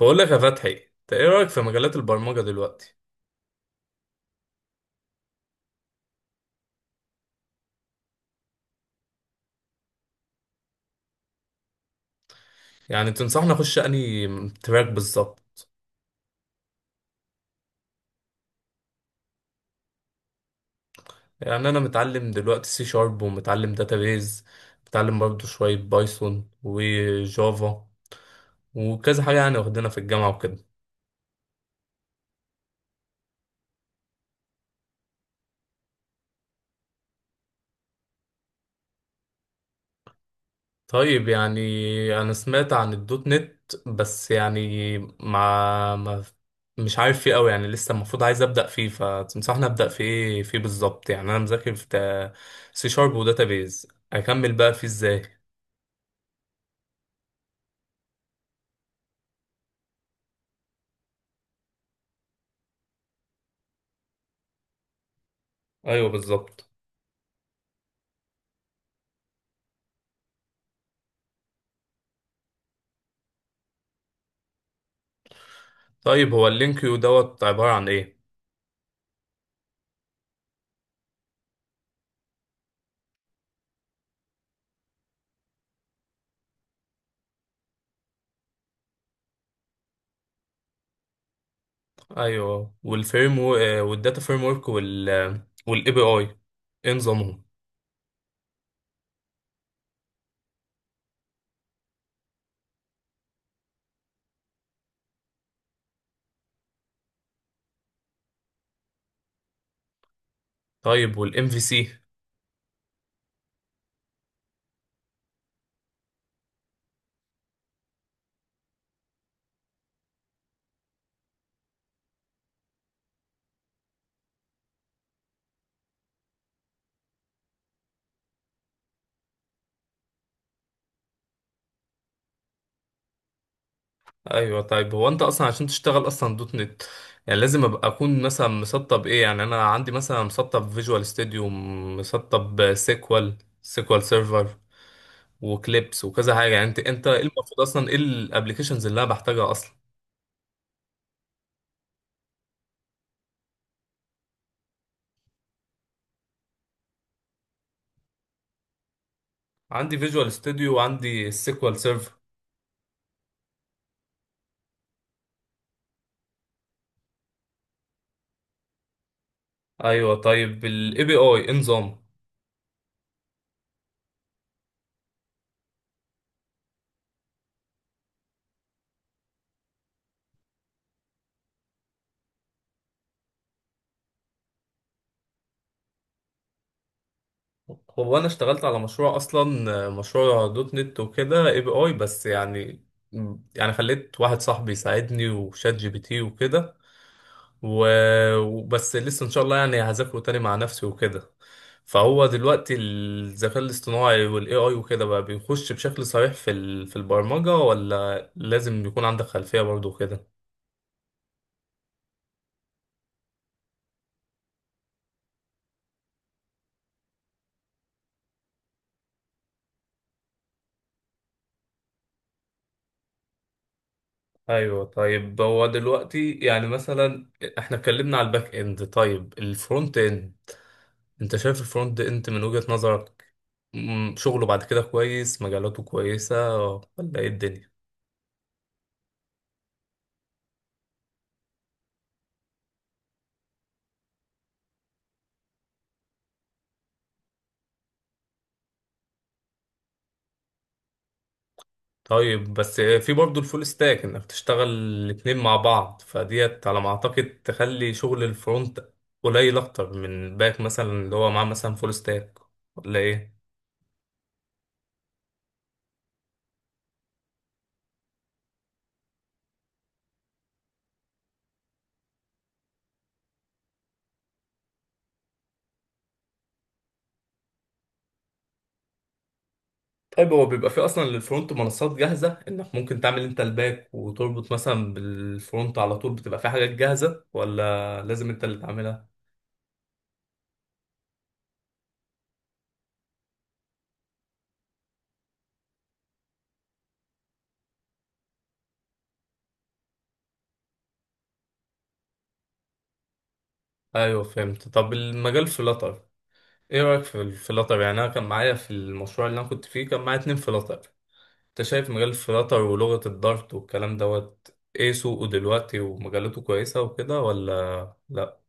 بقول لك يا فتحي، انت ايه رايك في مجالات البرمجه دلوقتي؟ يعني تنصحني اخش انهي تراك بالظبط؟ يعني انا متعلم دلوقتي سي شارب ومتعلم داتابيز، متعلم برضه شويه بايثون وجافا وكذا حاجه يعني، واخدينها في الجامعه وكده. طيب، يعني انا سمعت عن الدوت نت بس يعني مع ما مش عارف فيه قوي يعني، لسه المفروض عايز ابدا فيه، فتنصحني ابدا في ايه فيه بالظبط؟ يعني انا مذاكر في سي شارب وداتابيز، اكمل بقى فيه ازاي؟ ايوه بالظبط. طيب هو اللينك يو دوت عباره عن ايه؟ ايوه، والفريم و... آه، والداتا فريم ورك وال والاي بي اي ايه نظامهم؟ طيب والام في سي؟ ايوه. طيب هو انت اصلا عشان تشتغل اصلا دوت نت يعني لازم ابقى اكون مثلا مسطب ايه؟ يعني انا عندي مثلا مسطب فيجوال ستوديو، مسطب سيكوال سيرفر وكليبس وكذا حاجه يعني. انت ايه المفروض اصلا، ايه الابلكيشنز اللي انا بحتاجها اصلا؟ عندي فيجوال ستوديو وعندي السيكوال سيرفر. ايوه. طيب الاي بي اي ايه نظامه؟ هو انا اشتغلت على مشروع اصلا، مشروع دوت نت وكده اي بي اي بس يعني، يعني خليت واحد صاحبي يساعدني وشات جي بي تي وكده. وبس لسه ان شاء الله يعني هذاكره تاني مع نفسي وكده. فهو دلوقتي الذكاء الاصطناعي والاي اي وكده بقى بيخش بشكل صريح في البرمجة، ولا لازم يكون عندك خلفية برضه كده؟ ايوه. طيب هو دلوقتي يعني مثلا احنا اتكلمنا على الباك اند، طيب الفرونت اند انت شايف الفرونت اند من وجهة نظرك مم، شغله بعد كده كويس، مجالاته كويسة ولا ايه الدنيا؟ طيب، بس في برضه الفول ستاك انك تشتغل الاتنين مع بعض، فديت على ما اعتقد تخلي شغل الفرونت قليل اكتر من الباك، مثلا اللي هو معاه مثلا فول ستاك، ولا ايه؟ طيب هو بيبقى فيه اصلا للفرونت منصات جاهزه انك ممكن تعمل انت الباك وتربط مثلا بالفرونت على طول، بتبقى فيه حاجات جاهزه ولا لازم انت اللي تعملها؟ ايوه فهمت. طب المجال فلاتر، ايه رايك في الفلاتر؟ يعني انا كان معايا في المشروع اللي انا كنت فيه كان معايا اتنين فلاتر. انت شايف مجال الفلاتر ولغه الدارت والكلام دوت ايه، سوقه دلوقتي ومجالاته كويسه وكده ولا لا؟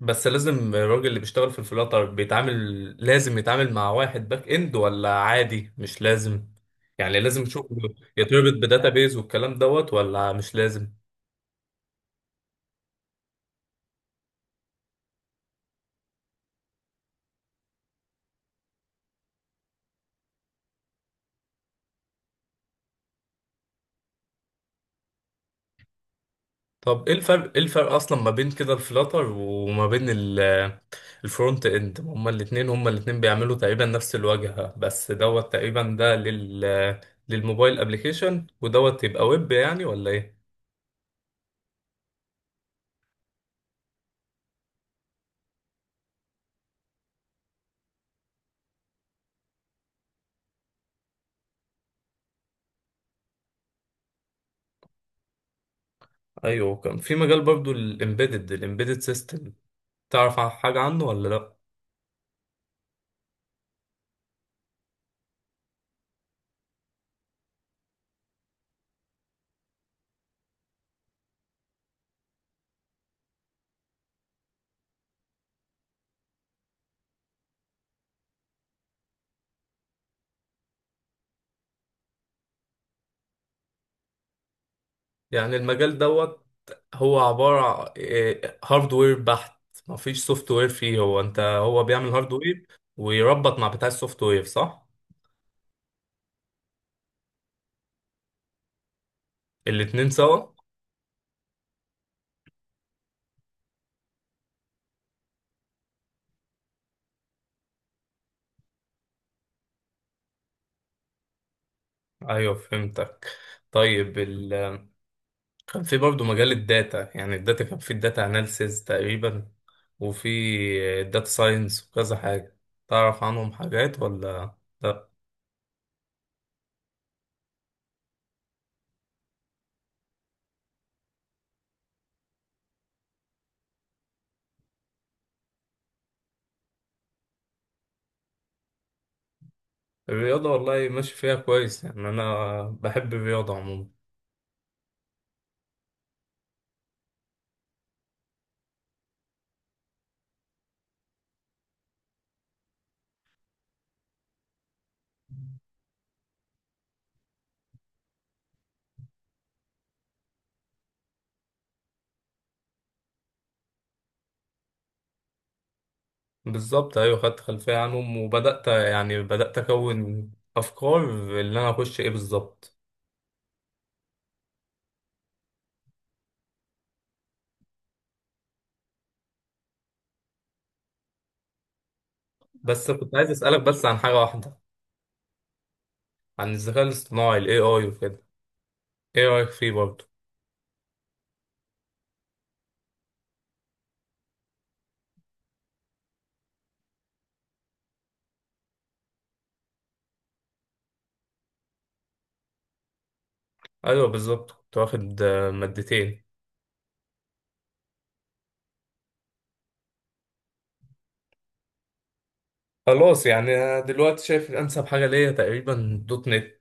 بس لازم الراجل اللي بيشتغل في الفلاتر بيتعامل لازم يتعامل مع واحد باك اند، ولا عادي مش لازم؟ يعني لازم شغله يتربط بداتابيز والكلام دوت ولا مش لازم؟ طب ايه الفرق، ايه الفرق اصلا ما بين كده الفلاتر وما بين الفرونت اند؟ هما الاتنين، هما الاتنين بيعملوا تقريبا نفس الواجهة، بس دوت تقريبا ده لل للموبايل ابلكيشن ودوت يبقى ويب، يعني ولا ايه؟ ايوه، كان في مجال برضو الامبيدد، الامبيدد سيستم، تعرف حاجة عنه ولا لا؟ يعني المجال دوت هو عبارة إيه، هاردوير بحت؟ مفيش سوفت وير فيه؟ هو انت هو بيعمل هاردوير ويربط مع بتاع السوفت وير صح؟ الاتنين سوا؟ ايوه فهمتك. طيب ال... كان في برضه مجال الداتا، يعني الداتا كان في الداتا اناليسيز تقريبا وفي الداتا ساينس وكذا حاجة، تعرف عنهم حاجات ولا لا؟ الرياضة والله ماشي فيها كويس يعني، أنا بحب الرياضة عموما. بالظبط، ايوه خدت خلفيه عنهم وبدات يعني بدات اكون افكار اللي انا اخش ايه بالظبط. بس كنت عايز اسالك بس عن حاجه واحده، عن الذكاء الاصطناعي الاي اي وكده، ايه رايك فيه برضه؟ ايوه بالظبط، كنت واخد مادتين. خلاص يعني أنا دلوقتي شايف انسب حاجه ليا تقريبا دوت نت،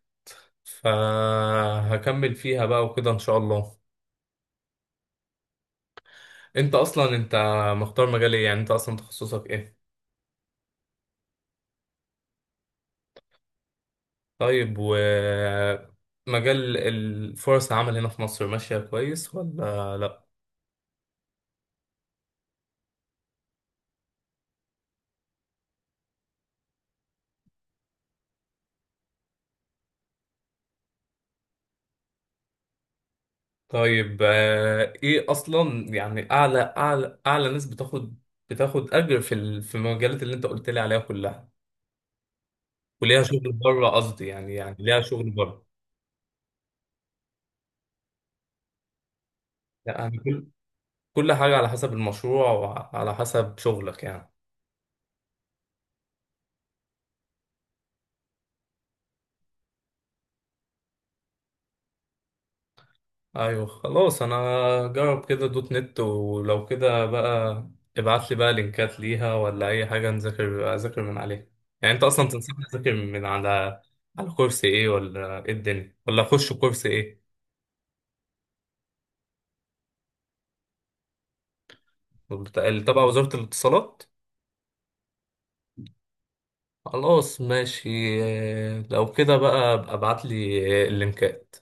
فهكمل فيها بقى وكده ان شاء الله. انت اصلا مختار مجال ايه؟ يعني انت اصلا تخصصك ايه؟ طيب ومجال الفرص العمل هنا في مصر ماشية كويس ولا لأ؟ طيب إيه أصلا يعني أعلى أعلى ناس بتاخد، بتاخد أجر في المجالات اللي أنت قلت لي عليها كلها، وليها شغل بره؟ قصدي يعني، يعني ليها شغل بره؟ يعني كل حاجة على حسب المشروع وعلى حسب شغلك يعني. ايوه خلاص. انا جرب كده دوت نت، ولو كده بقى ابعت لي بقى لينكات ليها ولا اي حاجه اذاكر من عليها. يعني انت اصلا تنصحني اذاكر من على على كورس ايه، ولا ايه الدنيا، ولا اخش كورس ايه؟ اللي تبع وزاره الاتصالات؟ خلاص ماشي. لو كده بقى ابقى ابعت لي اللينكات.